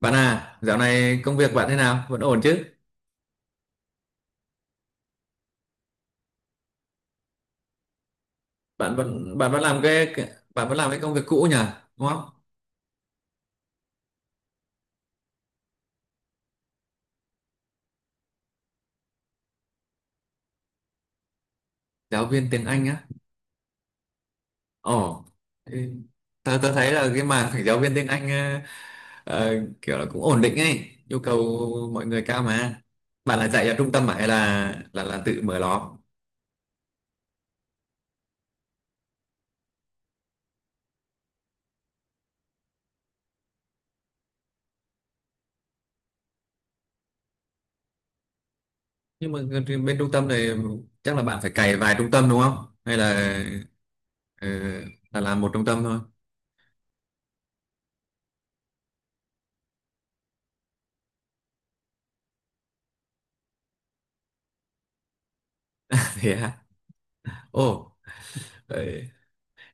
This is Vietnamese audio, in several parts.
Bạn à, dạo này công việc bạn thế nào? Vẫn ổn chứ? Bạn vẫn làm bạn vẫn làm cái công việc cũ nhỉ? Đúng không? Giáo viên tiếng Anh á. Ồ. Ừ. Tớ tớ thấy là cái mảng phải giáo viên tiếng Anh, kiểu là cũng ổn định ấy, yêu cầu mọi người cao mà. Bạn là dạy ở trung tâm mà hay là tự mở lò? Nhưng mà bên trung tâm này chắc là bạn phải cày vài trung tâm đúng không? Hay là ờ, là làm một trung tâm thôi? Thế à? Ồ.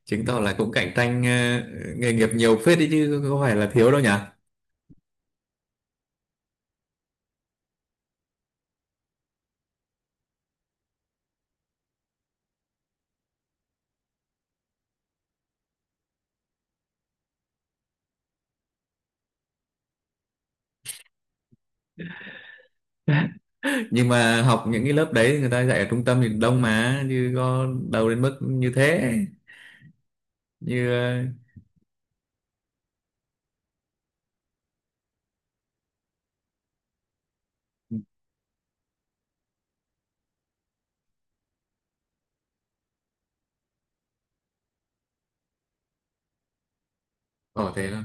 Chứng tỏ là cũng cạnh tranh, nghề nghiệp nhiều phết đấy chứ có phải là thiếu đâu nhỉ. Nhưng mà học những cái lớp đấy thì người ta dạy ở trung tâm thì đông mà chứ có đâu đến mức như thế, như ờ, thế thôi.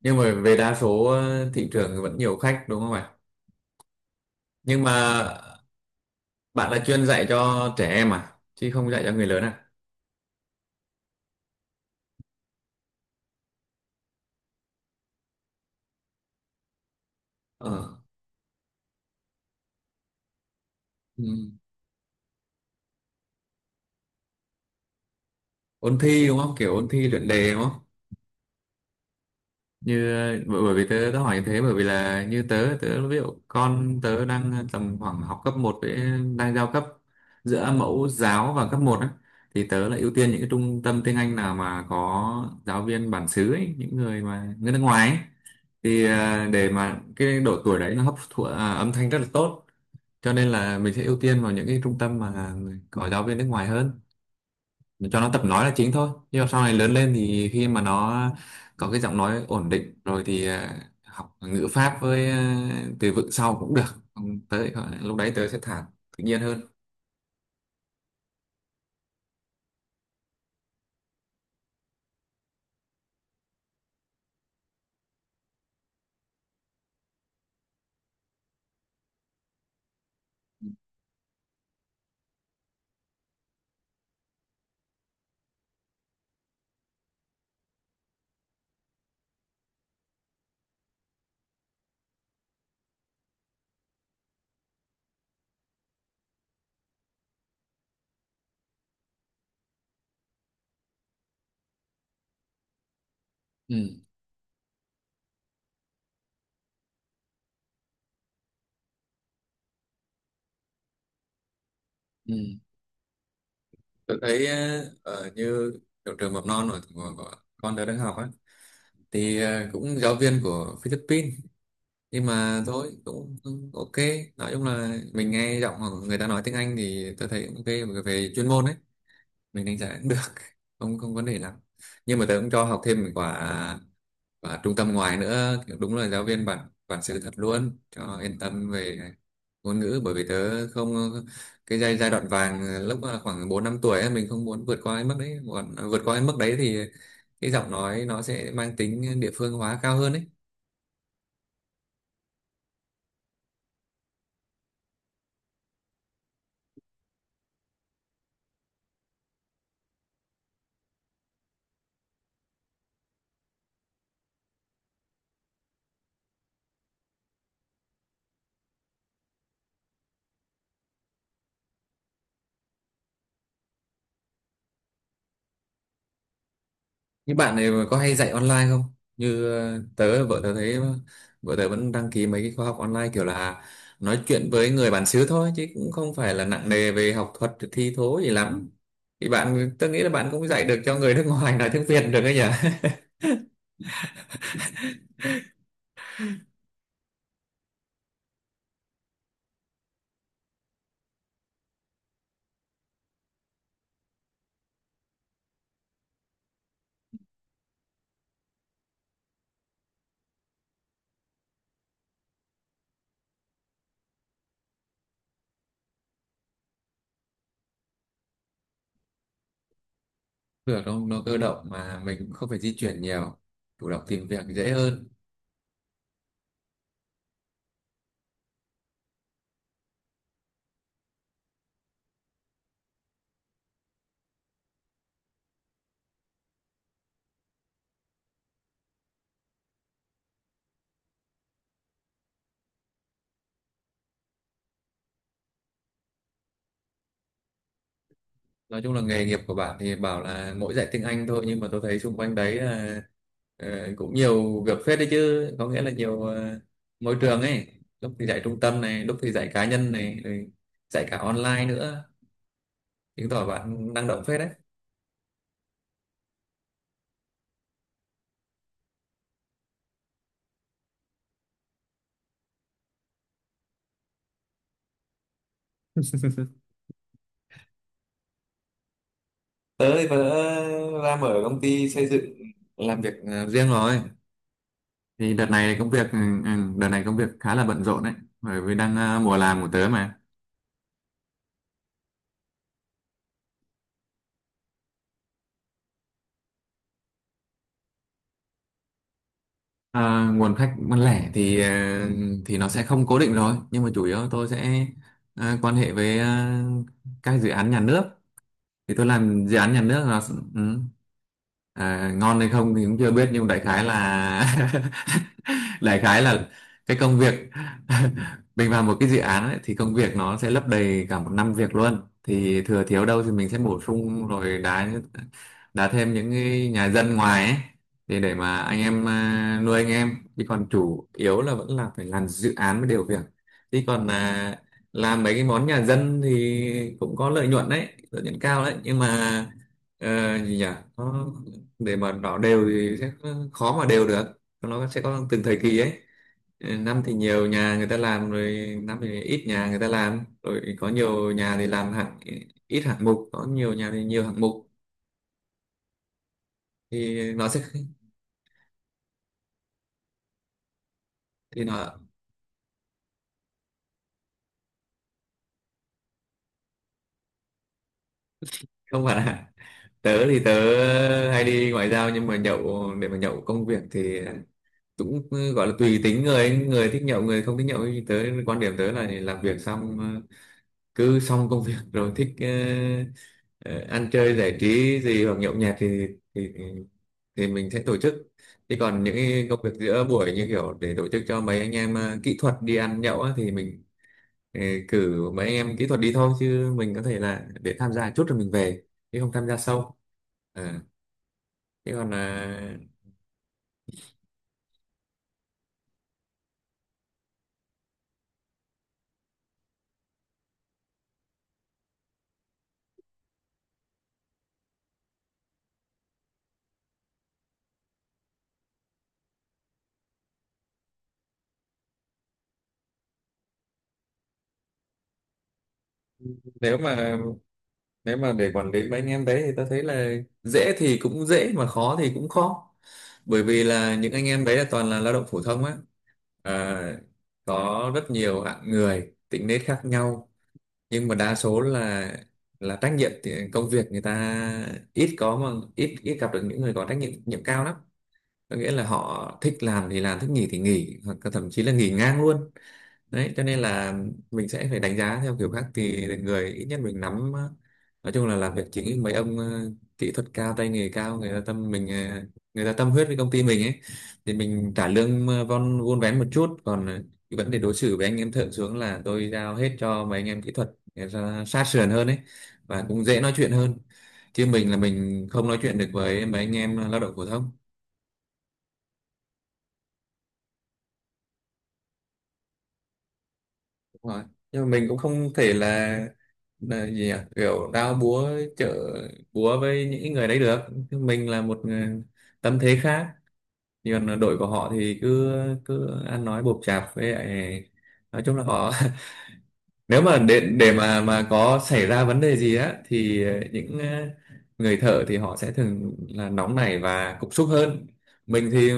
Nhưng mà về đa số, thị trường thì vẫn nhiều khách đúng không ạ? Nhưng mà bạn là chuyên dạy cho trẻ em à chứ không dạy cho người lớn à? ờ ừ. Ôn thi đúng không, kiểu ôn thi luyện đề đúng không? Như bởi bởi vì tớ đã hỏi như thế, bởi vì là như tớ tớ ví dụ con tớ đang tầm khoảng học cấp một, với đang giao cấp giữa mẫu giáo và cấp một á, thì tớ lại ưu tiên những cái trung tâm tiếng Anh nào mà có giáo viên bản xứ ấy, những người mà người nước ngoài ấy. Thì để mà cái độ tuổi đấy nó hấp thụ, à, âm thanh rất là tốt, cho nên là mình sẽ ưu tiên vào những cái trung tâm mà có giáo viên nước ngoài hơn, cho nó tập nói là chính thôi. Nhưng mà sau này lớn lên thì khi mà nó có cái giọng nói ổn định rồi thì, học ngữ pháp với, từ vựng sau cũng được. Không, tới lúc đấy tớ sẽ thả tự nhiên hơn. Ừ. Ừ. Tớ thấy, ở như trường trường mầm non của con tớ đang học á, thì cũng giáo viên của Philippines. Nhưng mà thôi cũng cũng ok. Nói chung là mình nghe giọng người ta nói tiếng Anh thì tớ thấy cũng ok về chuyên môn ấy, mình đánh giá cũng được. không không vấn đề lắm. Nhưng mà tớ cũng cho học thêm một quả, quả trung tâm ngoài nữa kiểu đúng là giáo viên bản bản sự thật luôn cho yên tâm về ngôn ngữ, bởi vì tớ không. Cái giai giai đoạn vàng lúc mà khoảng bốn năm tuổi ấy, mình không muốn vượt qua cái mức đấy, còn vượt qua cái mức đấy thì cái giọng nói nó sẽ mang tính địa phương hóa cao hơn ấy. Những bạn này có hay dạy online không? Như tớ, vợ tớ thấy vợ tớ vẫn đăng ký mấy cái khóa học online kiểu là nói chuyện với người bản xứ thôi chứ cũng không phải là nặng nề về học thuật thi thố gì lắm. Thì bạn, tớ nghĩ là bạn cũng dạy được cho người nước ngoài nói tiếng Việt được đấy nhỉ? Được không? Nó cơ động mà mình cũng không phải di chuyển nhiều, chủ động tìm việc dễ hơn. Nói chung là nghề nghiệp của bạn thì bảo là mỗi giải tiếng Anh thôi, nhưng mà tôi thấy xung quanh đấy là, cũng nhiều việc phết đấy, chứ có nghĩa là nhiều, môi trường ấy, lúc thì dạy trung tâm này lúc thì dạy cá nhân này rồi dạy cả online nữa. Chứng tỏ bạn năng động phết đấy. Tớ thì tớ ra mở công ty xây dựng làm việc, riêng rồi. Thì đợt này công việc, ừ, đợt này công việc khá là bận rộn đấy, bởi vì đang, mùa làm của tớ mà. À, nguồn khách bán lẻ thì, nó sẽ không cố định rồi, nhưng mà chủ yếu tôi sẽ, quan hệ với, các dự án nhà nước. Thì tôi làm dự án nhà nước là. Ừ. À, ngon hay không thì cũng chưa biết, nhưng đại khái là đại khái là cái công việc, mình vào một cái dự án ấy, thì công việc nó sẽ lấp đầy cả một năm việc luôn. Thì thừa thiếu đâu thì mình sẽ bổ sung rồi đá, đá thêm những cái nhà dân ngoài ấy, thì để mà anh em, à, nuôi anh em, chứ còn chủ yếu là vẫn là phải làm dự án với điều việc. Chứ còn, à, làm mấy cái món nhà dân thì cũng có lợi nhuận đấy, lợi nhuận cao đấy, nhưng mà, ờ, gì nhỉ, nó để mà đỏ đều thì sẽ khó mà đều được, nó sẽ có từng thời kỳ ấy. Ừ, năm thì nhiều nhà người ta làm rồi, năm thì ít nhà người ta làm rồi, có nhiều nhà thì làm hạng ít hạng mục, có nhiều nhà thì nhiều hạng mục thì nó sẽ, thì nó không phải là. Tớ thì tớ hay đi ngoại giao, nhưng mà nhậu để mà nhậu công việc thì cũng, ừ, gọi là tùy tính người ấy. Người thích nhậu người không thích nhậu, thì tớ quan điểm tớ là làm việc xong, cứ xong công việc rồi thích, ờ, ăn chơi giải trí gì hoặc nhậu nhẹt thì thì thì mình sẽ tổ chức. Chứ còn những cái công việc giữa buổi như kiểu để tổ chức cho mấy anh em, kỹ thuật đi ăn nhậu á, thì mình, ờ, cử mấy em kỹ thuật đi thôi, chứ mình có thể là để tham gia chút rồi mình về, chứ không tham gia sâu. À, thế còn là, nếu mà nếu mà để quản lý mấy anh em đấy thì tôi thấy là dễ thì cũng dễ mà khó thì cũng khó, bởi vì là những anh em đấy là toàn là lao động phổ thông á. À, có rất nhiều hạng người tính nết khác nhau, nhưng mà đa số là trách nhiệm thì công việc người ta ít có, mà ít ít gặp được những người có trách nhiệm nhiệm cao lắm. Có nghĩa là họ thích làm thì làm, thích nghỉ thì nghỉ, hoặc là thậm chí là nghỉ ngang luôn. Đấy cho nên là mình sẽ phải đánh giá theo kiểu khác, thì người ít nhất mình nắm, nói chung là làm việc chính ấy, mấy ông, kỹ thuật cao tay nghề cao, người ta tâm mình, người ta tâm huyết với công ty mình ấy thì mình trả lương, vốn vén một chút, còn, cái vấn đề đối xử với anh em thượng xuống là tôi giao hết cho mấy anh em kỹ thuật, người ta sát sườn hơn ấy và cũng dễ nói chuyện hơn. Chứ mình là mình không nói chuyện được với mấy anh em lao động phổ thông. Đúng rồi. Nhưng mà mình cũng không thể là gì nhỉ? Kiểu đao búa chợ búa với những người đấy được. Mình là một người tâm thế khác. Còn đội của họ thì cứ cứ ăn nói bộp chạp, với lại nói chung là họ nếu mà để mà có xảy ra vấn đề gì á thì những, người thợ thì họ sẽ thường là nóng nảy và cục súc hơn. Mình thì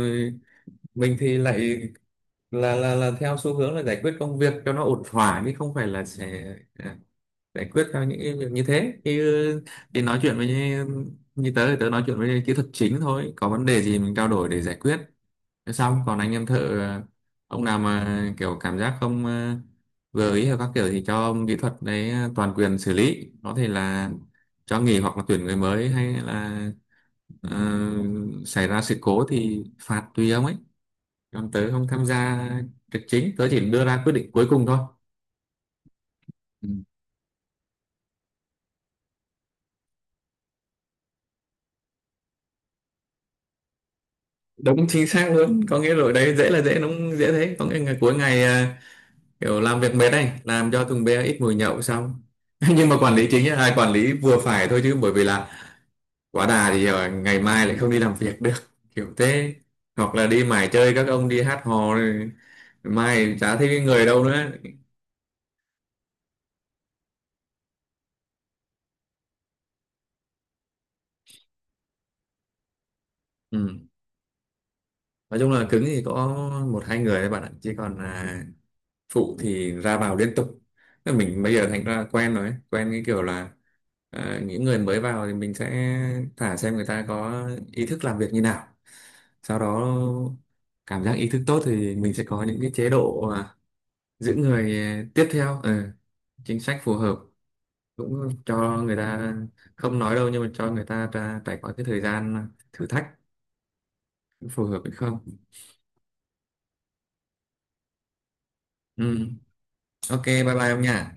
mình thì lại là theo xu hướng là giải quyết công việc cho nó ổn thỏa, chứ không phải là sẽ, à, giải quyết theo những cái việc như thế thì, ừ, thì nói chuyện với như, như tớ thì tớ nói chuyện với kỹ thuật chính thôi, có vấn đề gì mình trao đổi để giải quyết. Thế xong còn anh em thợ, à, ông nào mà kiểu cảm giác không, à, vừa ý hay các kiểu thì cho ông kỹ thuật đấy, à, toàn quyền xử lý, có thể là cho nghỉ hoặc là tuyển người mới, hay là, ờ, xảy ra sự cố thì phạt tùy ông ấy. Còn tớ không tham gia trực chính, tớ chỉ đưa ra quyết định cuối cùng thôi. Ừ. Đúng chính xác luôn, có nghĩa rồi đấy, dễ là dễ, nó dễ thế, có nghĩa là cuối ngày, à, kiểu làm việc mệt này làm cho thùng bia ít mùi nhậu xong. Nhưng mà quản lý chính là ai quản lý vừa phải thôi chứ, bởi vì là quá đà thì, à, ngày mai lại không đi làm việc được, kiểu thế. Hoặc là đi mải chơi, các ông đi hát hò rồi mai chả thấy người đâu nữa. Ừ. Nói chung là cứng thì có một hai người thôi bạn ạ, chứ còn, à, phụ thì ra vào liên tục. Thế mình bây giờ thành ra quen rồi ấy. Quen cái kiểu là, à, những người mới vào thì mình sẽ thả xem người ta có ý thức làm việc như nào, sau đó cảm giác ý thức tốt thì mình sẽ có những cái chế độ, à, giữ người tiếp theo, ừ, chính sách phù hợp, cũng cho người ta không nói đâu, nhưng mà cho người ta ra trải qua cái thời gian thử thách phù hợp hay không. Ừ. Ok, bye bye ông nha.